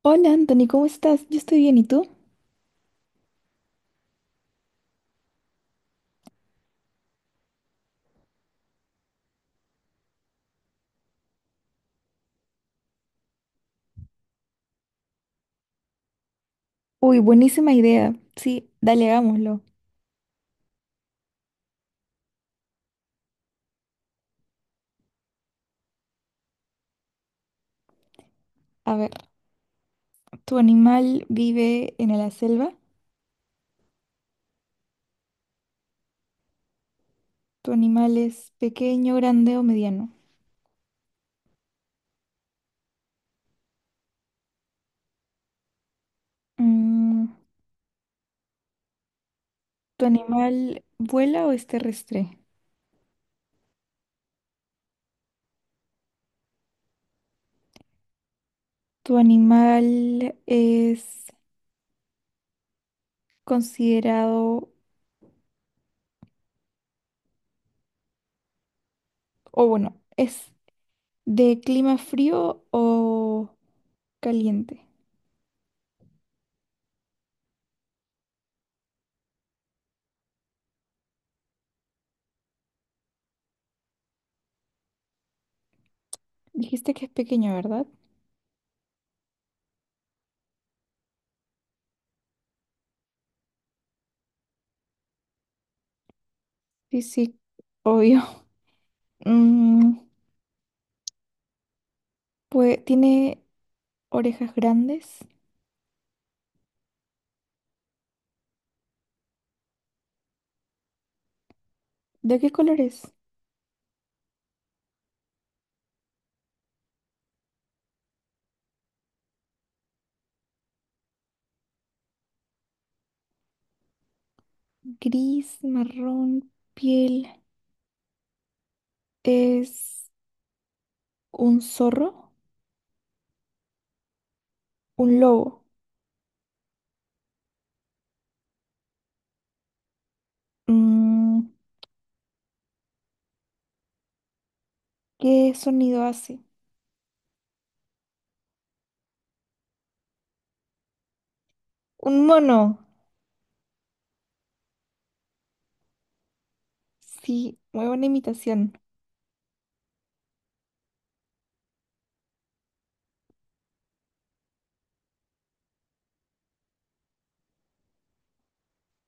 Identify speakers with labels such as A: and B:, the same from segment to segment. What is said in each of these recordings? A: Hola Anthony, ¿cómo estás? Yo estoy bien, ¿y tú? Uy, buenísima idea. Sí, dale, hagámoslo. A ver, ¿tu animal vive en la selva? ¿Tu animal es pequeño, grande o mediano? Mm, ¿Tu animal vuela o es terrestre? ¿Tu animal es considerado, o bueno, es de clima frío o caliente? Dijiste que es pequeño, ¿verdad? Sí, sí, obvio. Mm, pues tiene... Orejas grandes. ¿De qué color es? Gris, marrón, piel. ¿Es un zorro? ¿Un lobo? Mm, ¿Qué sonido hace? ¿Un mono? Sí, muy buena imitación.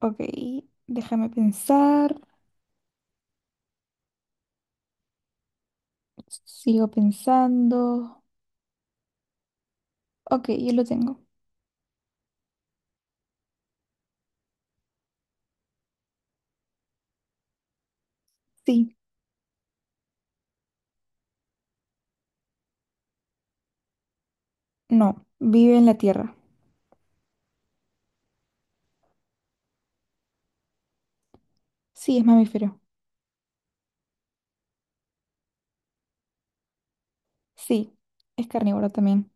A: Ok, déjame pensar. Sigo pensando. Ok, yo lo tengo. Sí, no, vive en la tierra. Sí, es mamífero. Sí, es carnívoro también.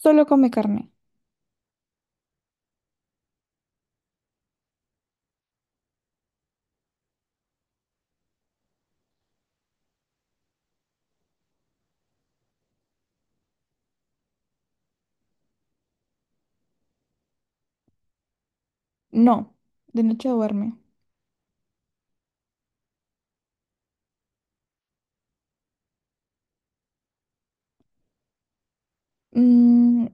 A: Solo come carne. No, de noche duerme. Mm.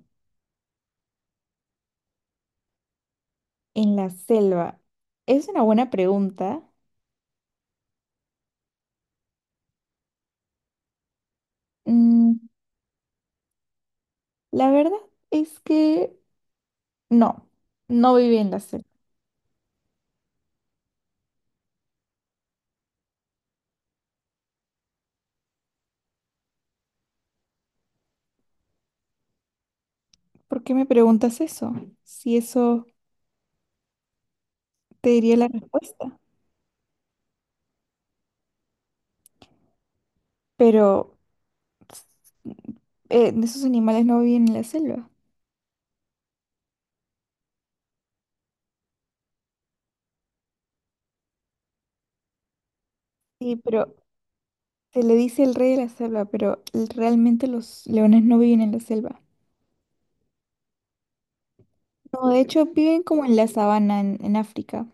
A: En la selva. Es una buena pregunta. Mm, la verdad es que no, no viví en la selva. ¿Por qué me preguntas eso? Si eso te diría la respuesta. Pero esos animales no viven en la selva. Sí, pero se le dice el rey de la selva, pero realmente los leones no viven en la selva. No, de hecho viven como en la sabana en África.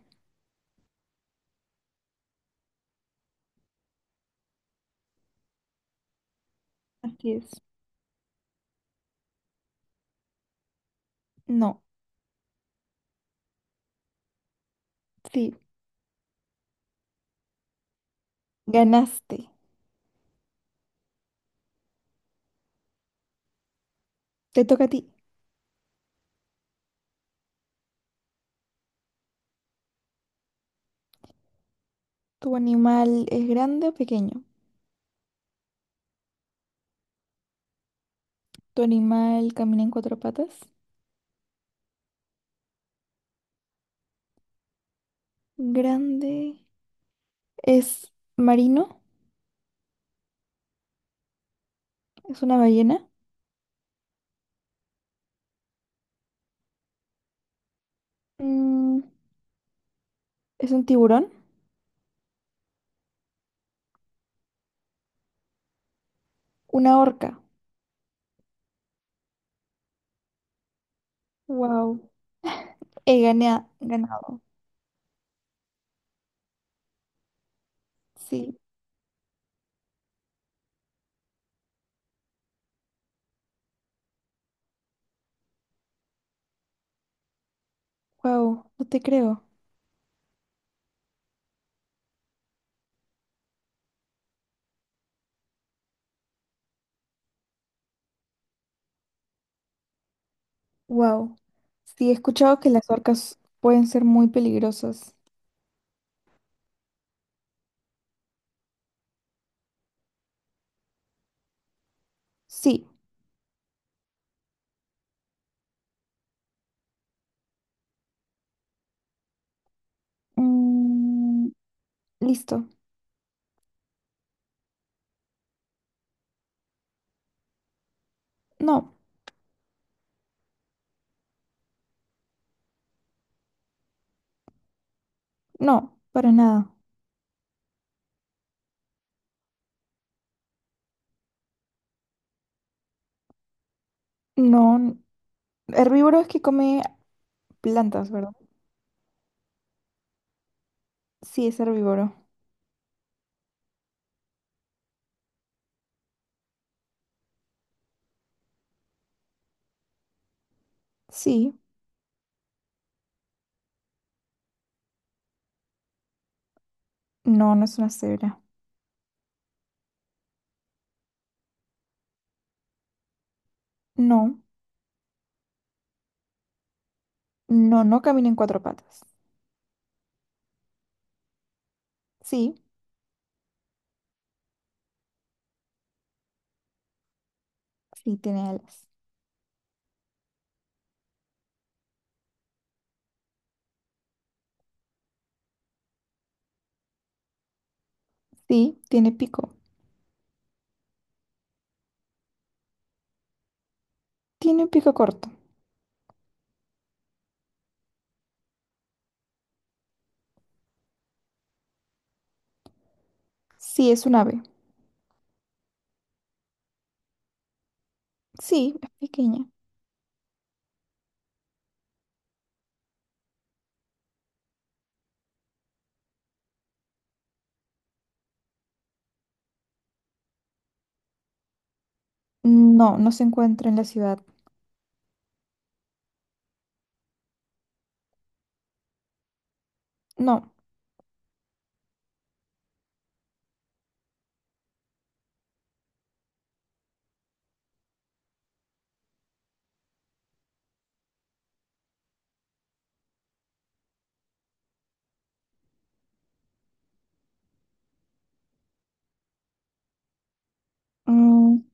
A: Así es. No, sí, ganaste. Te toca a ti. ¿Tu animal es grande o pequeño? ¿Tu animal camina en cuatro patas? Grande. ¿Es marino? ¿Es una ballena? Mm, ¿Es un tiburón? ¿Una orca? Wow. Ganado. Sí. Wow. No te creo. Wow. Sí, he escuchado que las orcas pueden ser muy peligrosas. Sí. Mm, listo. No, no, para nada. No. n- Herbívoro es que come plantas, ¿verdad? Sí, es herbívoro. Sí. No, no es una cebra. No. No, no camina en cuatro patas. Sí. Sí, tiene alas. Sí, tiene pico. Tiene un pico corto. Sí, es un ave. Sí, es pequeña. No, no se encuentra en la ciudad. No. Mm,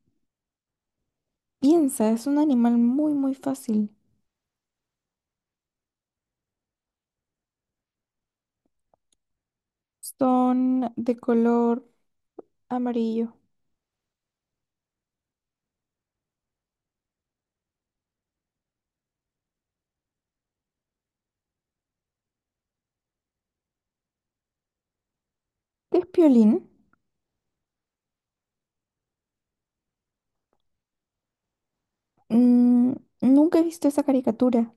A: piensa, es un animal muy, muy fácil. Son de color amarillo. ¿Qué es piolín? Mm, nunca he visto esa caricatura.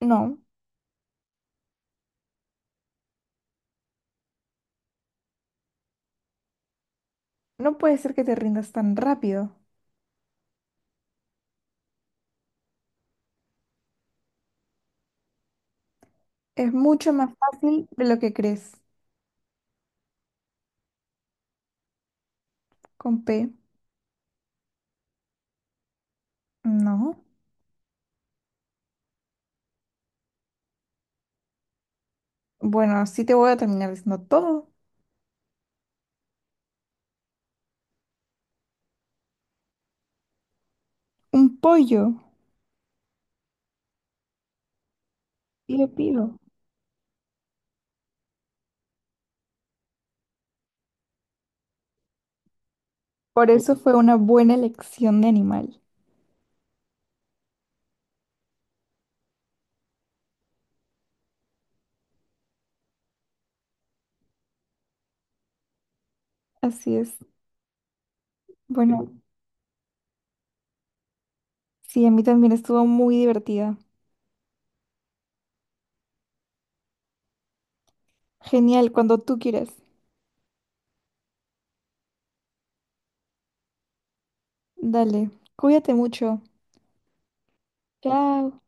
A: No, no puede ser que te rindas tan rápido. Es mucho más fácil de lo que crees. Con P, no. Bueno, sí te voy a terminar diciendo todo. Un pollo. Pido, pido. Por eso fue una buena elección de animal. Así es. Bueno, sí, a mí también estuvo muy divertida. Genial, cuando tú quieras. Dale, cuídate mucho. Chao.